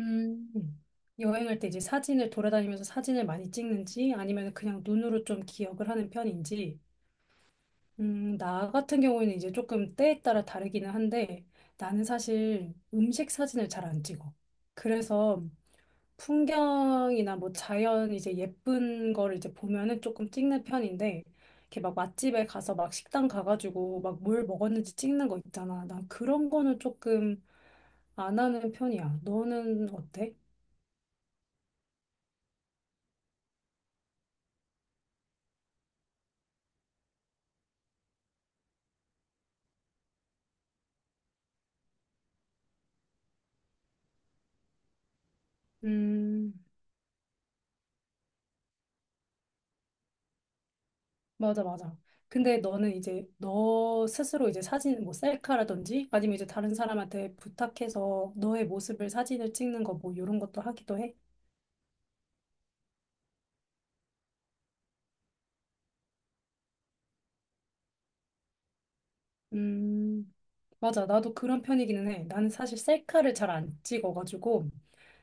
음. 여행할 때 이제 사진을 돌아다니면서 사진을 많이 찍는지 아니면 그냥 눈으로 좀 기억을 하는 편인지, 나 같은 경우에는 이제 조금 때에 따라 다르기는 한데 나는 사실 음식 사진을 잘 안 찍어. 그래서 풍경이나 뭐 자연 이제 예쁜 거를 이제 보면은 조금 찍는 편인데 이렇게 막 맛집에 가서 막 식당 가가지고 막 뭘 먹었는지 찍는 거 있잖아. 난 그런 거는 조금 안 하는 편이야. 너는 어때? 음. 맞아, 맞아. 근데 너는 이제 너 스스로 이제 사진 뭐 셀카라든지 아니면 이제 다른 사람한테 부탁해서 너의 모습을 사진을 찍는 거 뭐 이런 것도 하기도 해? 음, 맞아. 나도 그런 편이기는 해. 나는 사실 셀카를 잘 안 찍어가지고,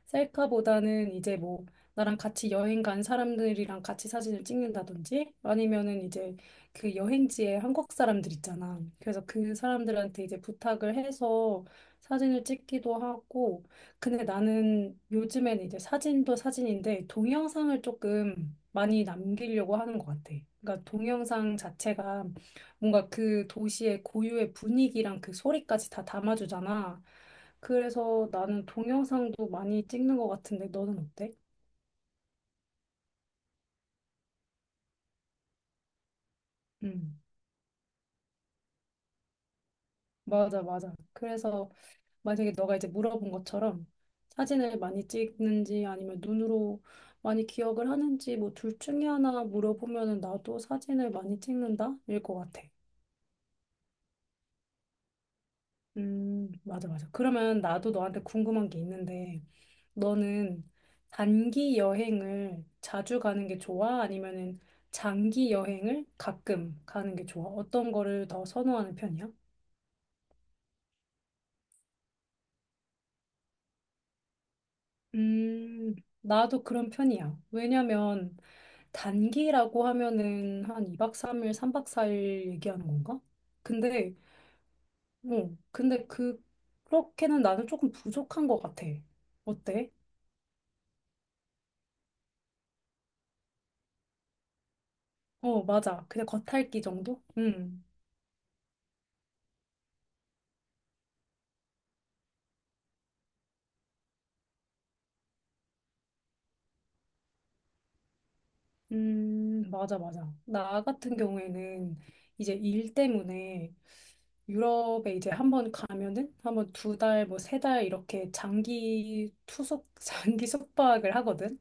셀카보다는 이제 뭐, 나랑 같이 여행 간 사람들이랑 같이 사진을 찍는다든지, 아니면은 이제 그 여행지에 한국 사람들 있잖아. 그래서 그 사람들한테 이제 부탁을 해서 사진을 찍기도 하고, 근데 나는 요즘엔 이제 사진도 사진인데, 동영상을 조금 많이 남기려고 하는 것 같아. 그러니까 동영상 자체가 뭔가 그 도시의 고유의 분위기랑 그 소리까지 다 담아주잖아. 그래서 나는 동영상도 많이 찍는 것 같은데 너는 어때? 음, 맞아, 맞아. 그래서 만약에 너가 이제 물어본 것처럼 사진을 많이 찍는지 아니면 눈으로 많이 기억을 하는지 뭐 둘 중에 하나 물어보면은 나도 사진을 많이 찍는다? 일 것 같아. 맞아, 맞아. 그러면 나도 너한테 궁금한 게 있는데, 너는 단기 여행을 자주 가는 게 좋아? 아니면은 장기 여행을 가끔 가는 게 좋아? 어떤 거를 더 선호하는 편이야? 음, 나도 그런 편이야. 왜냐면 단기라고 하면은 한 2박 3일, 3박 4일 얘기하는 건가? 근데, 근데 그렇게는 나는 조금 부족한 것 같아. 어때? 어, 맞아. 그냥 겉핥기 정도? 응. 맞아, 맞아. 나 같은 경우에는 이제 일 때문에 유럽에 이제 한번 가면은 한번 2달, 뭐 3달 이렇게 장기 투숙, 장기 숙박을 하거든.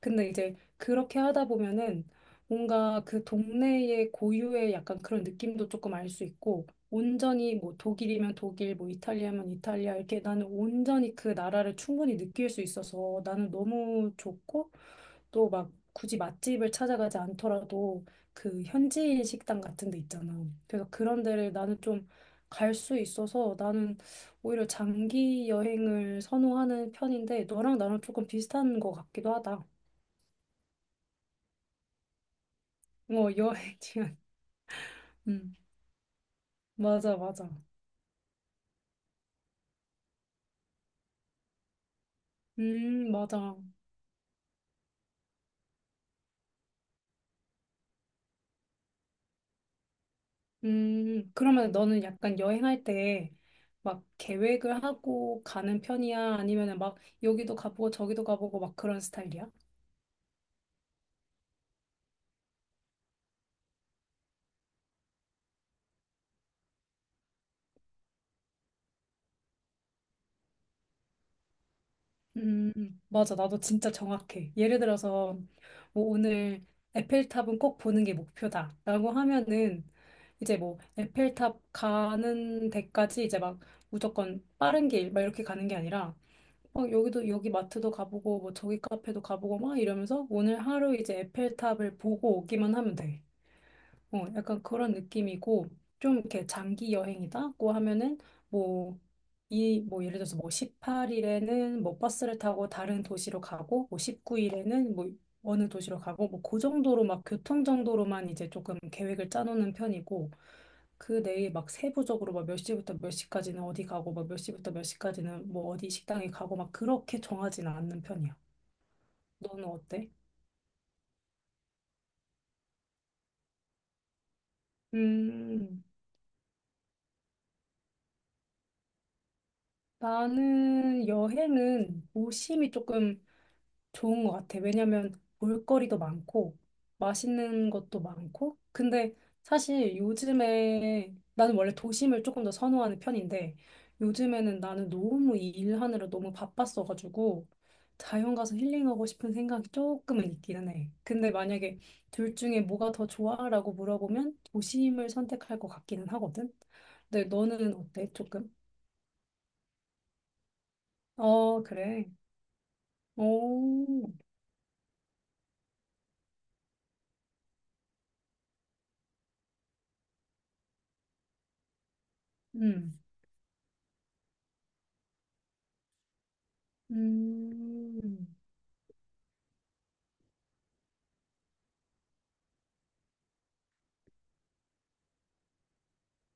근데 이제 그렇게 하다 보면은 뭔가 그 동네의 고유의 약간 그런 느낌도 조금 알 수 있고 온전히 뭐 독일이면 독일, 뭐 이탈리아면 이탈리아 이렇게 나는 온전히 그 나라를 충분히 느낄 수 있어서 나는 너무 좋고 또 막 굳이 맛집을 찾아가지 않더라도 그 현지인 식당 같은 데 있잖아. 그래서 그런 데를 나는 좀 갈 수 있어서 나는 오히려 장기 여행을 선호하는 편인데 너랑 나랑 조금 비슷한 것 같기도 하다. 어, 여행 지원. 음, 맞아, 맞아. 맞아. 그러면 너는 약간 여행할 때 막 계획을 하고 가는 편이야? 아니면은 막 여기도 가보고 저기도 가보고 막 그런 스타일이야? 음, 맞아. 나도 진짜 정확해. 예를 들어서 뭐 오늘 에펠탑은 꼭 보는 게 목표다, 라고 하면은 이제 뭐 에펠탑 가는 데까지 이제 막 무조건 빠른 길 막 이렇게 가는 게 아니라 막 여기도 여기 마트도 가보고 뭐 저기 카페도 가보고 막 이러면서 오늘 하루 이제 에펠탑을 보고 오기만 하면 돼. 어, 약간 그런 느낌이고, 좀 이렇게 장기 여행이다고 하면은, 뭐, 뭐, 예를 들어서 뭐 18일에는 뭐 버스를 타고 다른 도시로 가고, 뭐 19일에는 뭐 어느 도시로 가고, 뭐 그 정도로 막 교통 정도로만 이제 조금 계획을 짜놓는 편이고, 그 내일 막 세부적으로 막 몇 시부터 몇 시까지는 어디 가고, 막 몇 시부터 몇 시까지는 뭐 어디 식당에 가고, 막 그렇게 정하진 않는 편이야. 너는 어때? 음, 나는 여행은 오심이 조금 좋은 것 같아. 왜냐면 볼거리도 많고 맛있는 것도 많고. 근데 사실 요즘에 나는 원래 도심을 조금 더 선호하는 편인데 요즘에는 나는 너무 이 일하느라 너무 바빴어가지고 자연 가서 힐링하고 싶은 생각이 조금은 있기는 해. 근데 만약에 둘 중에 뭐가 더 좋아라고 물어보면 도심을 선택할 것 같기는 하거든. 근데 너는 어때? 조금? 어, 그래. 오. 음, 음.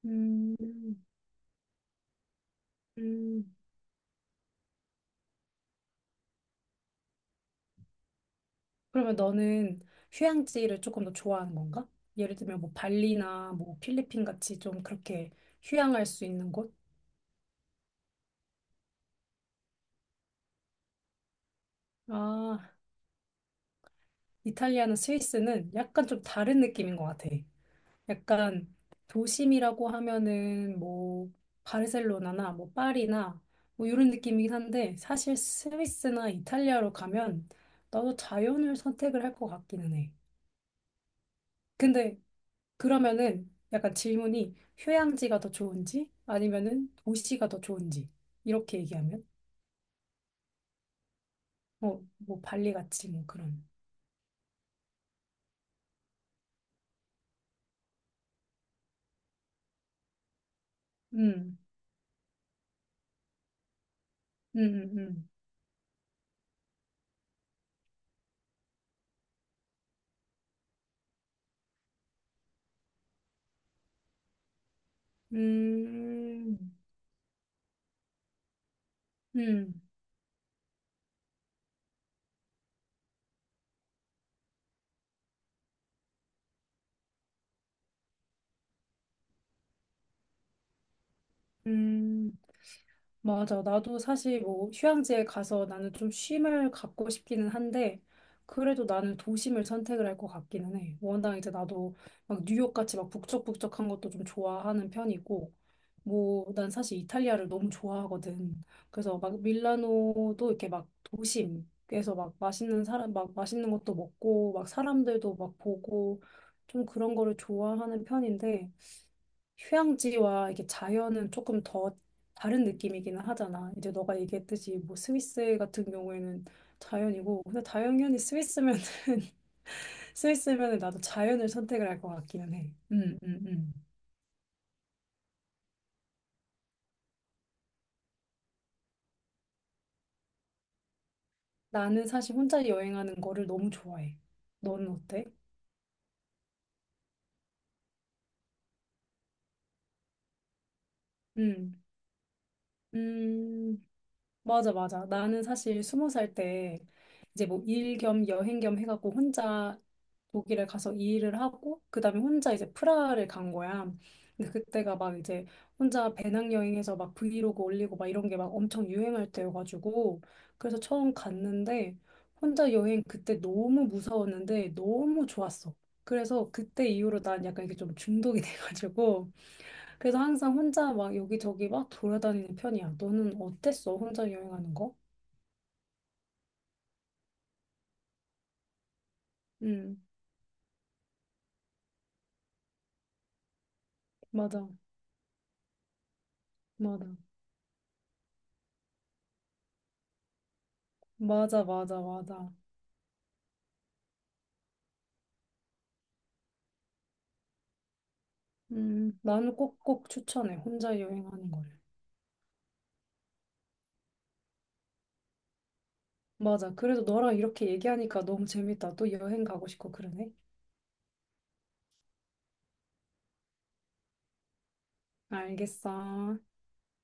음, 음. 그러면 너는 휴양지를 조금 더 좋아하는 건가? 예를 들면 뭐 발리나 뭐 필리핀 같이 좀 그렇게 휴양할 수 있는 곳? 아, 이탈리아나 스위스는 약간 좀 다른 느낌인 것 같아. 약간 도심이라고 하면은 뭐 바르셀로나나 뭐 파리나 뭐 이런 느낌이긴 한데 사실 스위스나 이탈리아로 가면 나도 자연을 선택을 할 것 같기는 해. 근데 그러면은 약간 질문이 휴양지가 더 좋은지 아니면은 도시가 더 좋은지 이렇게 얘기하면 뭐, 발리 같이 뭐 그런. 음, 음, 음, 음, 음, 음, 음. 맞아. 나도 사실 뭐 휴양지에 가서 나는 좀 쉼을 갖고 싶기는 한데, 그래도 나는 도심을 선택을 할 것 같기는 해. 워낙 이제 나도 막 뉴욕 같이 막 북적북적한 것도 좀 좋아하는 편이고, 뭐, 난 사실 이탈리아를 너무 좋아하거든. 그래서 막 밀라노도 이렇게 막 도심에서 막 맛있는 사람, 막 맛있는 것도 먹고, 막 사람들도 막 보고, 좀 그런 거를 좋아하는 편인데, 휴양지와 이게 자연은 조금 더 다른 느낌이기는 하잖아. 이제 너가 얘기했듯이 뭐 스위스 같은 경우에는 자연이고, 근데 당연히 스위스면은 스위스면은 나도 자연을 선택을 할 것 같기는 해. 나는 사실 혼자 여행하는 거를 너무 좋아해. 너는 어때? 음, 음. 맞아, 맞아. 나는 사실 20살 때 이제 뭐 일 겸 여행 겸 해갖고 혼자 독일에 가서 일을 하고 그다음에 혼자 이제 프라하를 간 거야. 근데 그때가 막 이제 혼자 배낭여행해서 막 브이로그 올리고 막 이런 게 막 엄청 유행할 때여가지고 그래서 처음 갔는데 혼자 여행 그때 너무 무서웠는데 너무 좋았어. 그래서 그때 이후로 난 약간 이게 좀 중독이 돼가지고 그래서 항상 혼자 막 여기저기 막 돌아다니는 편이야. 너는 어땠어? 혼자 여행하는 거? 응, 맞아, 맞아, 맞아, 맞아, 맞아. 나는 꼭꼭 추천해. 혼자 여행하는 거를. 맞아. 그래도 너랑 이렇게 얘기하니까 너무 재밌다. 또 여행 가고 싶고 그러네. 알겠어.